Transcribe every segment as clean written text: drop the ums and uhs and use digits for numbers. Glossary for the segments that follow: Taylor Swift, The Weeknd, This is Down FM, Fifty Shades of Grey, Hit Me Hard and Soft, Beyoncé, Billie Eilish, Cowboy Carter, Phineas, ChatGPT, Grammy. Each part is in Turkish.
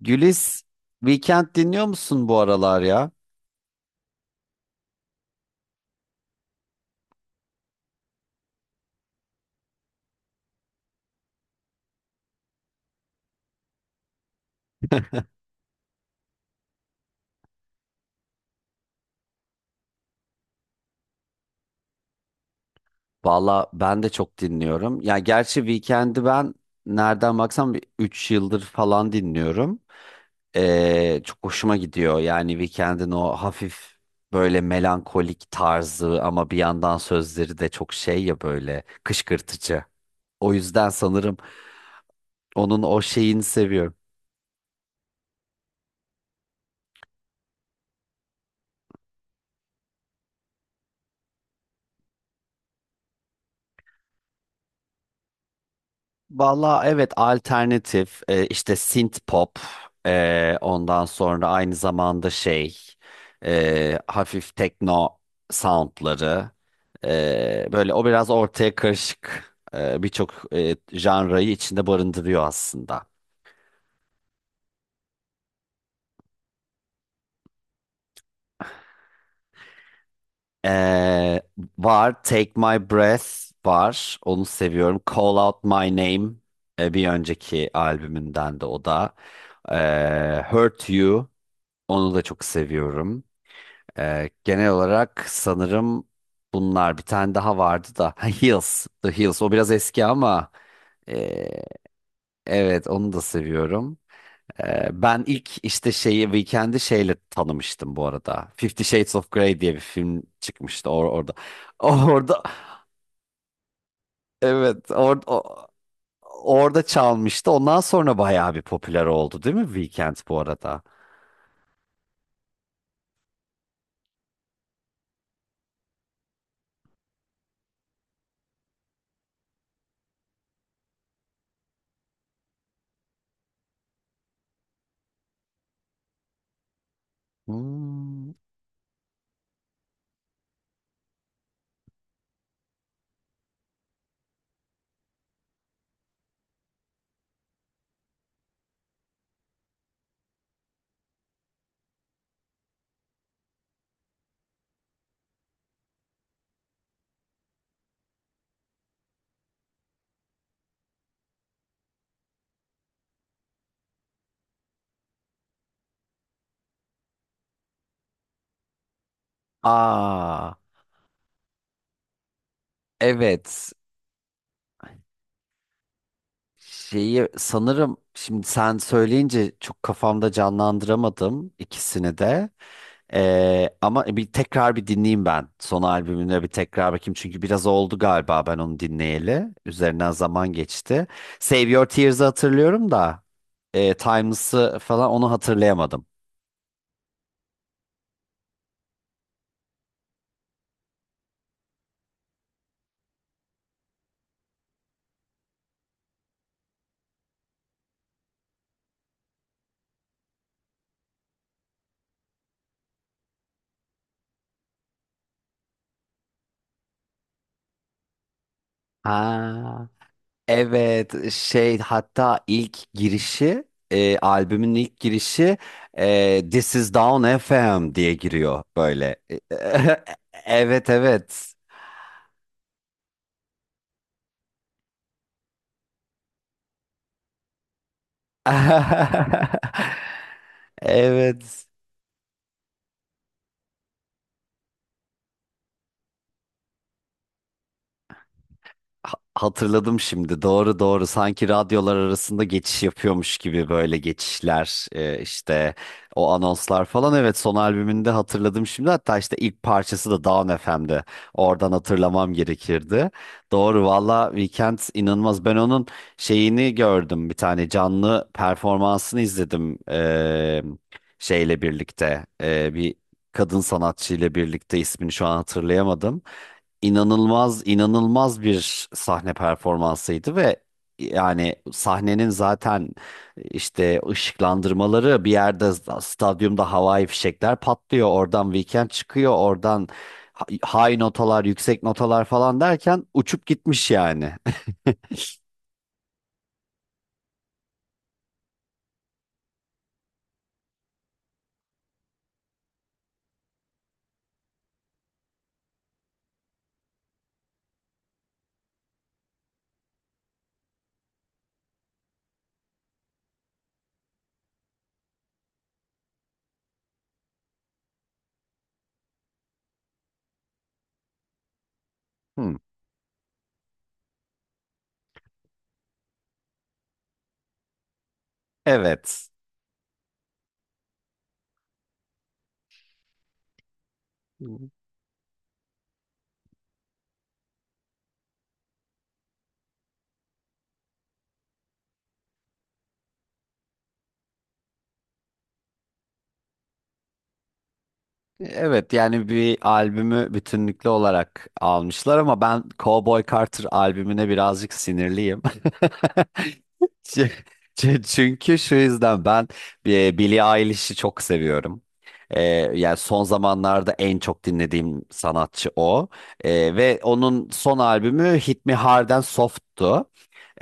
Gülis, Weekend dinliyor musun bu aralar ya? Valla ben de çok dinliyorum. Ya gerçi Weekend'i ben nereden baksam 3 yıldır falan dinliyorum. Çok hoşuma gidiyor. Yani Weekend'in o hafif böyle melankolik tarzı ama bir yandan sözleri de çok şey ya böyle kışkırtıcı. O yüzden sanırım onun o şeyini seviyorum. Valla evet, alternatif, işte synth pop, ondan sonra aynı zamanda şey, hafif tekno soundları, böyle o biraz ortaya karışık, birçok janrayı içinde barındırıyor aslında. E, Var, Take My Breath var, onu seviyorum. Call Out My Name, bir önceki albümünden de o da. Hurt You, onu da çok seviyorum. Genel olarak sanırım bunlar, bir tane daha vardı da, ha, Heels, The Heels, o biraz eski ama ee, evet, onu da seviyorum. Ben ilk işte şeyi, Weekend'i şeyle tanımıştım bu arada. Fifty Shades of Grey diye bir film çıkmıştı, orada. Orada, evet, orada çalmıştı. Ondan sonra bayağı bir popüler oldu değil mi Weekend bu arada? Hmm. Aa, evet. Şeyi sanırım şimdi sen söyleyince çok kafamda canlandıramadım ikisini de. Ama bir tekrar bir dinleyeyim ben. Son albümüne bir tekrar bakayım. Çünkü biraz oldu galiba ben onu dinleyeli. Üzerinden zaman geçti. Save Your Tears'ı hatırlıyorum da Timeless'ı falan, onu hatırlayamadım. Ha, evet, şey, hatta ilk girişi, albümün ilk girişi, This is Down FM diye giriyor böyle. Evet evet. Evet. Ha- hatırladım şimdi. Doğru doğru. Sanki radyolar arasında geçiş yapıyormuş gibi böyle geçişler, işte o anonslar falan. Evet, son albümünde hatırladım şimdi. Hatta işte ilk parçası da Down FM'de. Oradan hatırlamam gerekirdi. Doğru valla, Weekend inanılmaz. Ben onun şeyini gördüm. Bir tane canlı performansını izledim, şeyle birlikte. E, bir kadın sanatçı ile birlikte, ismini şu an hatırlayamadım, inanılmaz inanılmaz bir sahne performansıydı ve yani sahnenin zaten işte ışıklandırmaları, bir yerde stadyumda havai fişekler patlıyor, oradan Weekend çıkıyor, oradan high notalar, yüksek notalar falan derken uçup gitmiş yani. Hmm. Evet. Evet, yani bir albümü bütünlüklü olarak almışlar ama ben Cowboy Carter albümüne birazcık sinirliyim. Ç- Çünkü şu yüzden, ben Billie Eilish'i çok seviyorum. E, Yani son zamanlarda en çok dinlediğim sanatçı o. Ve onun son albümü Hit Me Hard'en Soft'tu.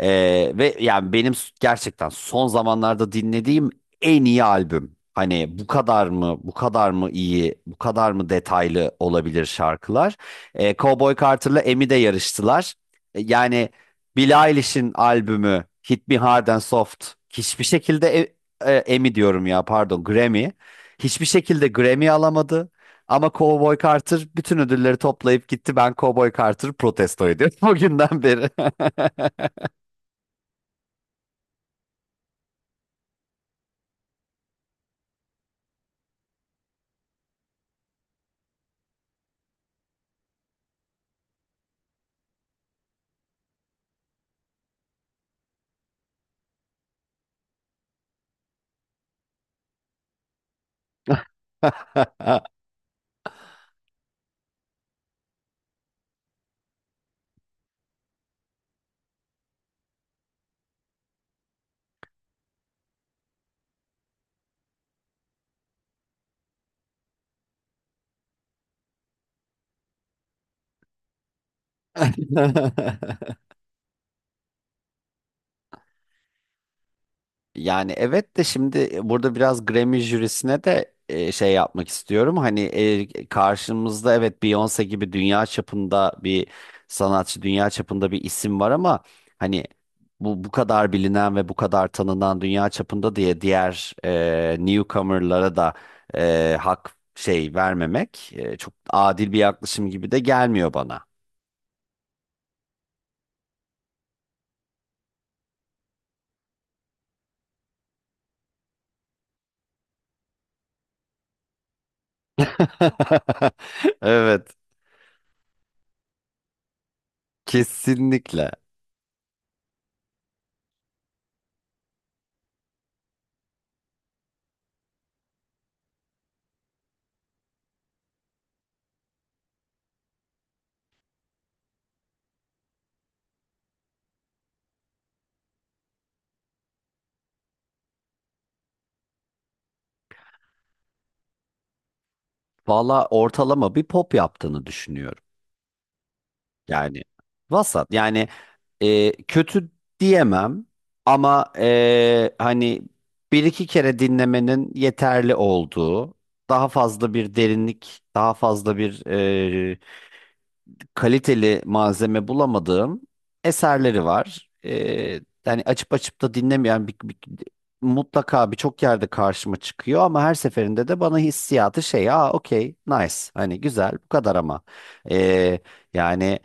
Ve yani benim gerçekten son zamanlarda dinlediğim en iyi albüm. Hani bu kadar mı, bu kadar mı iyi, bu kadar mı detaylı olabilir şarkılar? Cowboy Carter'la Emi de yarıştılar. Yani Billie Eilish'in albümü Hit Me Hard and Soft hiçbir şekilde Emmy diyorum ya, pardon, Grammy. Hiçbir şekilde Grammy alamadı. Ama Cowboy Carter bütün ödülleri toplayıp gitti. Ben Cowboy Carter protesto ediyorum o günden beri. Yani evet de, şimdi burada biraz Grammy jürisine de şey yapmak istiyorum. Hani karşımızda evet Beyoncé gibi dünya çapında bir sanatçı, dünya çapında bir isim var ama hani bu bu kadar bilinen ve bu kadar tanınan dünya çapında diye diğer newcomer'lara da hak şey vermemek çok adil bir yaklaşım gibi de gelmiyor bana. Evet, kesinlikle. Valla ortalama bir pop yaptığını düşünüyorum. Yani vasat. Yani kötü diyemem ama hani bir iki kere dinlemenin yeterli olduğu, daha fazla bir derinlik, daha fazla bir kaliteli malzeme bulamadığım eserleri var. Yani açıp açıp da dinlemeyen bir, mutlaka birçok yerde karşıma çıkıyor ama her seferinde de bana hissiyatı şey, aa, okey, nice, hani güzel, bu kadar ama Ee, yani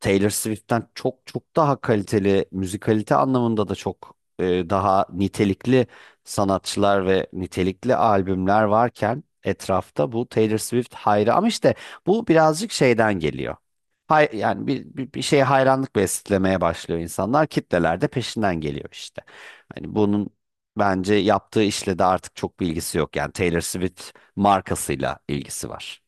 Taylor Swift'ten çok çok daha kaliteli, müzikalite anlamında da çok daha nitelikli sanatçılar ve nitelikli albümler varken etrafta, bu Taylor Swift hayra ama işte bu birazcık şeyden geliyor. Hay, yani bir şeye hayranlık beslemeye başlıyor insanlar. Kitleler de peşinden geliyor işte. Hani bunun bence yaptığı işle de artık çok bir ilgisi yok. Yani Taylor Swift markasıyla ilgisi var.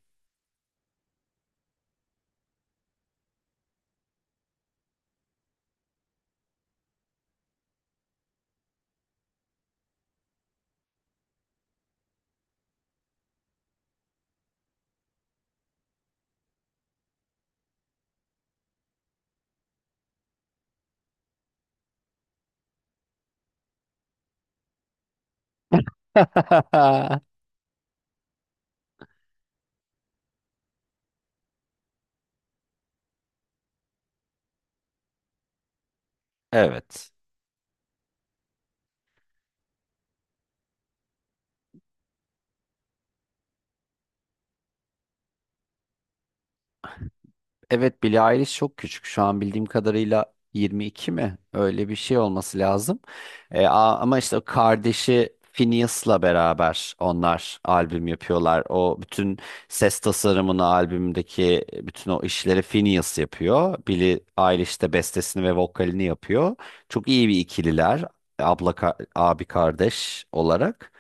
Evet. Evet, Billie Eilish çok küçük. Şu an bildiğim kadarıyla 22 mi? Öyle bir şey olması lazım. E, ama işte o kardeşi Phineas'la beraber onlar albüm yapıyorlar. O bütün ses tasarımını, albümdeki bütün o işleri Phineas yapıyor. Billie Eilish de bestesini ve vokalini yapıyor. Çok iyi bir ikililer. Abi kardeş olarak.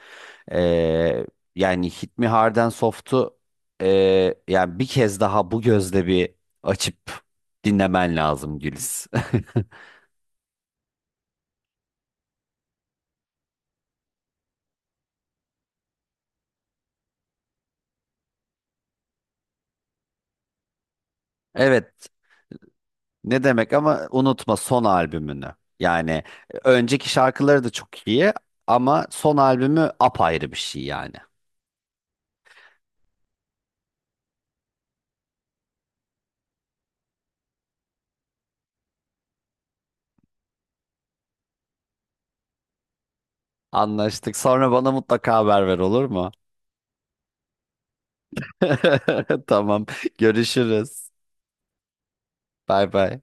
E, Yani Hit Me Hard and Soft'u, yani bir kez daha bu gözle bir açıp dinlemen lazım Güliz. Evet. Ne demek, ama unutma son albümünü. Yani önceki şarkıları da çok iyi ama son albümü apayrı bir şey yani. Anlaştık. Sonra bana mutlaka haber ver, olur mu? Tamam. Görüşürüz. Bay bay.